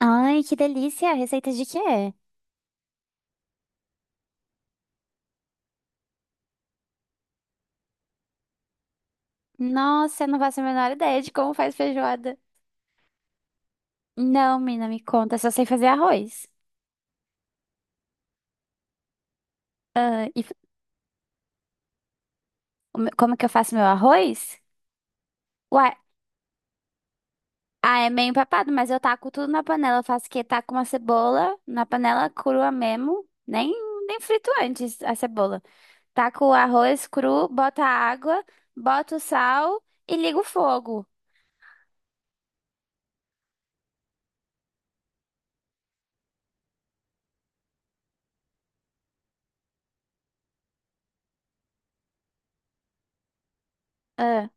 Ai, que delícia! Receita de quê? Nossa, eu não faço a menor ideia de como faz feijoada. Não, mina, me conta, eu só sei fazer arroz. Ah, e como que eu faço meu arroz? Ué, ah, é meio empapado, mas eu taco tudo na panela. Eu faço que taco uma cebola na panela crua mesmo, nem frito antes a cebola. Taco o arroz cru, bota a água, bota o sal e ligo o fogo. Ah,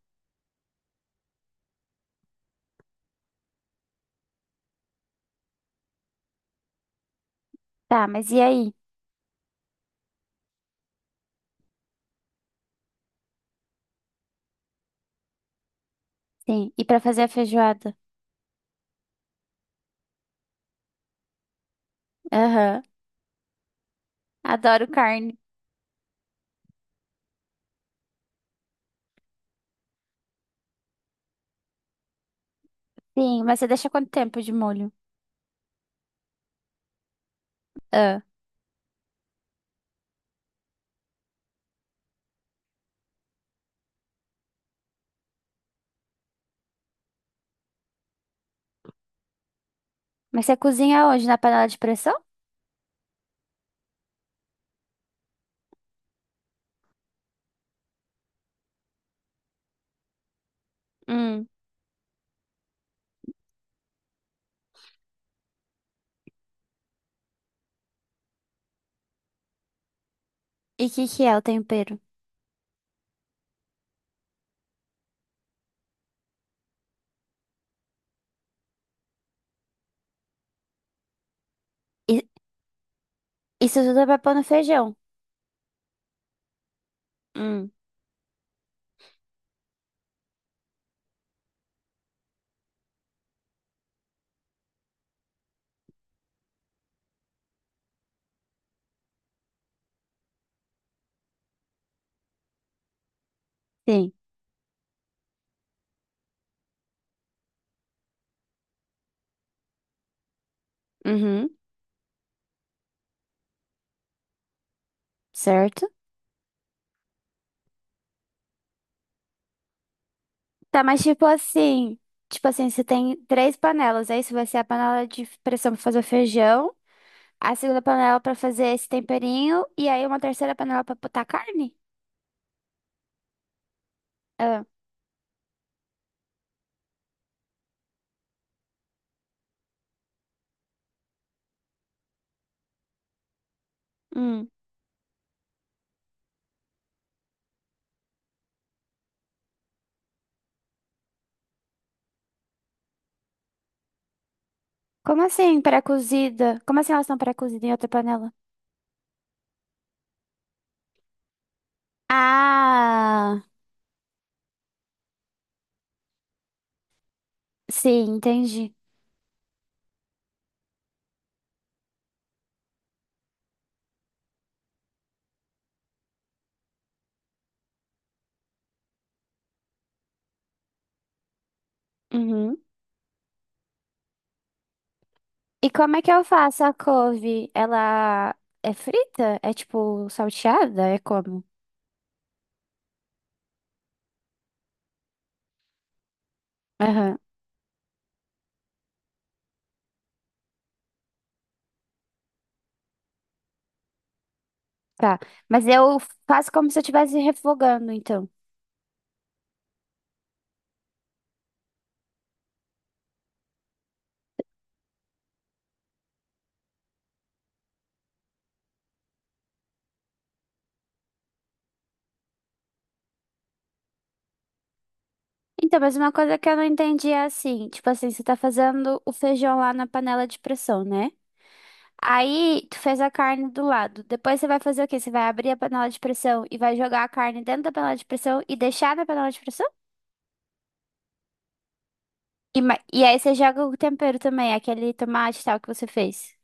tá, mas e aí? Sim, e pra fazer a feijoada? Aham, adoro carne. Sim, mas você deixa quanto tempo de molho? Ah. Mas você cozinha onde? Na panela de pressão? Hum. E o que que é o tempero? I- Isso tudo é pra pôr no feijão. Hum. Sim. Uhum. Certo. Tá, mas tipo assim, você tem três panelas, aí isso vai ser a panela de pressão pra fazer o feijão, a segunda panela pra fazer esse temperinho e aí uma terceira panela pra botar carne? Ah. Hum. Como assim pré-cozida? Como assim elas estão pré-cozidas em outra panela? Ah, sim, entendi. Uhum. E como é que eu faço a couve? Ela é frita? É tipo salteada? É como? Aham, tá. Mas eu faço como se eu estivesse refogando, então. Então, mas uma coisa que eu não entendi é assim, tipo assim, você tá fazendo o feijão lá na panela de pressão, né? Aí, tu fez a carne do lado. Depois você vai fazer o quê? Você vai abrir a panela de pressão e vai jogar a carne dentro da panela de pressão e deixar na panela de pressão? E, e aí você joga o tempero também, aquele tomate e tal que você fez.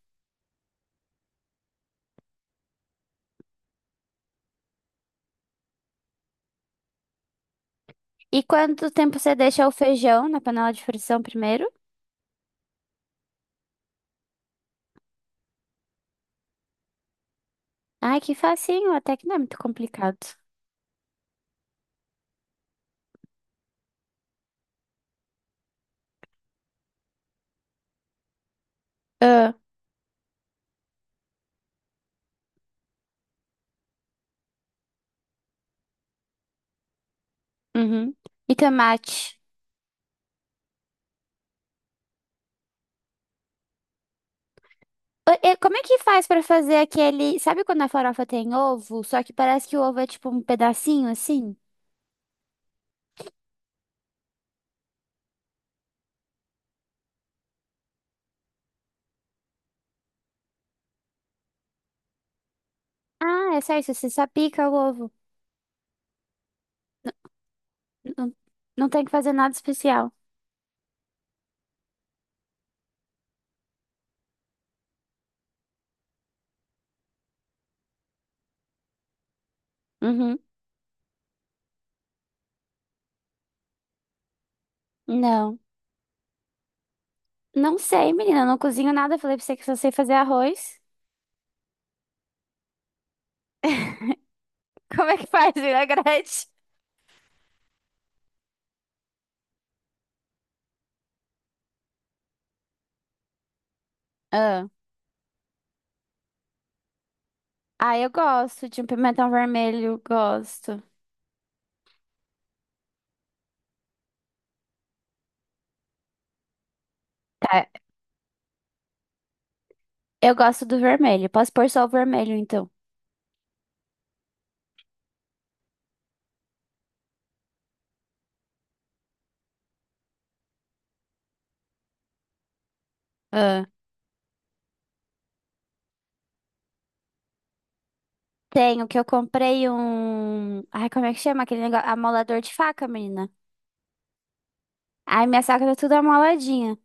E quanto tempo você deixa o feijão na panela de frição primeiro? Ai, que facinho, até que não é muito complicado. Ah, uhum. E tomate. Ah, e como é que faz pra fazer aquele. Sabe quando a farofa tem ovo? Só que parece que o ovo é tipo um pedacinho assim? Ah, é só isso, você só pica o ovo. Não, não tem que fazer nada especial. Uhum. Não. Não sei, menina, eu não cozinho nada. Falei pra você que só sei fazer arroz. Como é que faz vinagrete? Ah, eu gosto de um pimentão vermelho, gosto. Tá, eu gosto do vermelho. Posso pôr só o vermelho, então. Ah, tenho que eu comprei um. Ai, como é que chama aquele negócio? Amolador de faca, menina. Ai, minha faca tá tudo amoladinha.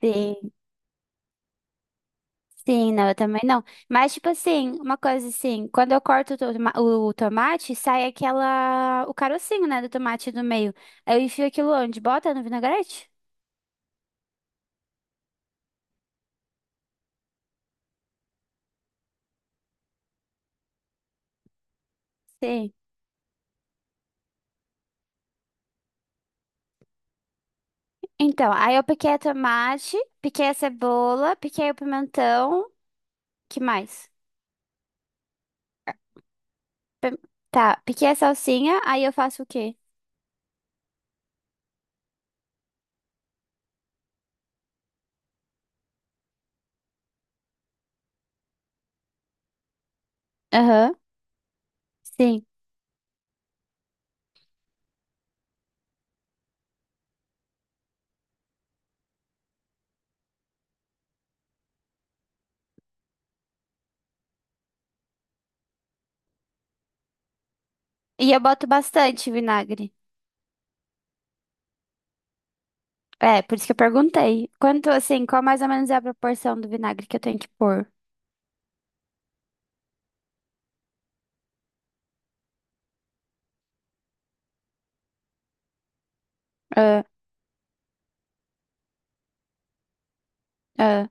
Sim, sim, não, eu também não. Mas, tipo assim, uma coisa assim, quando eu corto o, o tomate, sai aquela. O carocinho, né, do tomate do meio. Aí eu enfio aquilo onde? Bota no vinagrete? Sim. Então, aí eu piquei a tomate, piquei a cebola, piquei o pimentão. Que mais? Pim- Tá, piquei a salsinha, aí eu faço o quê? Aham, sim. E eu boto bastante vinagre. É, por isso que eu perguntei. Quanto, assim, qual mais ou menos é a proporção do vinagre que eu tenho que pôr? Ah, ah,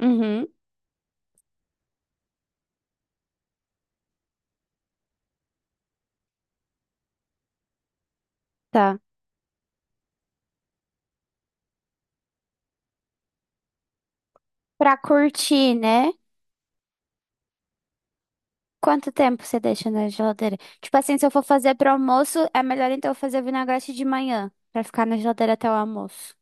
uhum, tá. Pra curtir, né? Quanto tempo você deixa na geladeira? Tipo assim, se eu for fazer pro almoço, é melhor então eu fazer vinagrete de manhã, pra ficar na geladeira até o almoço.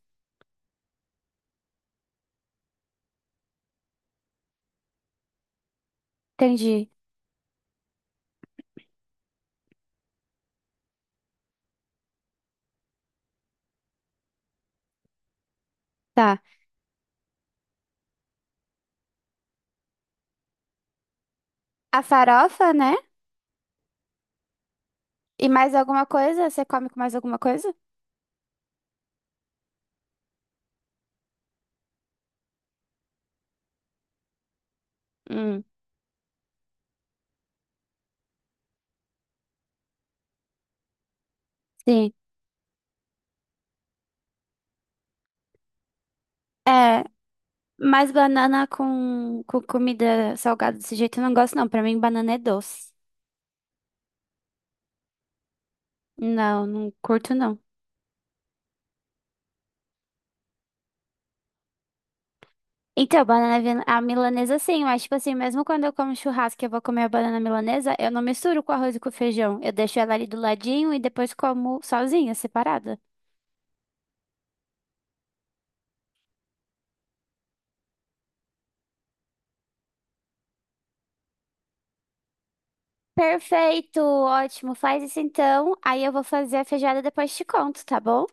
Entendi. Tá. A farofa, né? E mais alguma coisa? Você come com mais alguma coisa? Hum, sim. É, mas banana com comida salgada desse jeito eu não gosto, não. Pra mim, banana é doce. Não, não curto, não. Então, a milanesa sim, mas tipo assim, mesmo quando eu como churrasco e eu vou comer a banana milanesa, eu não misturo com arroz e com feijão. Eu deixo ela ali do ladinho e depois como sozinha, separada. Perfeito, ótimo. Faz isso então. Aí eu vou fazer a feijoada e depois te conto, tá bom?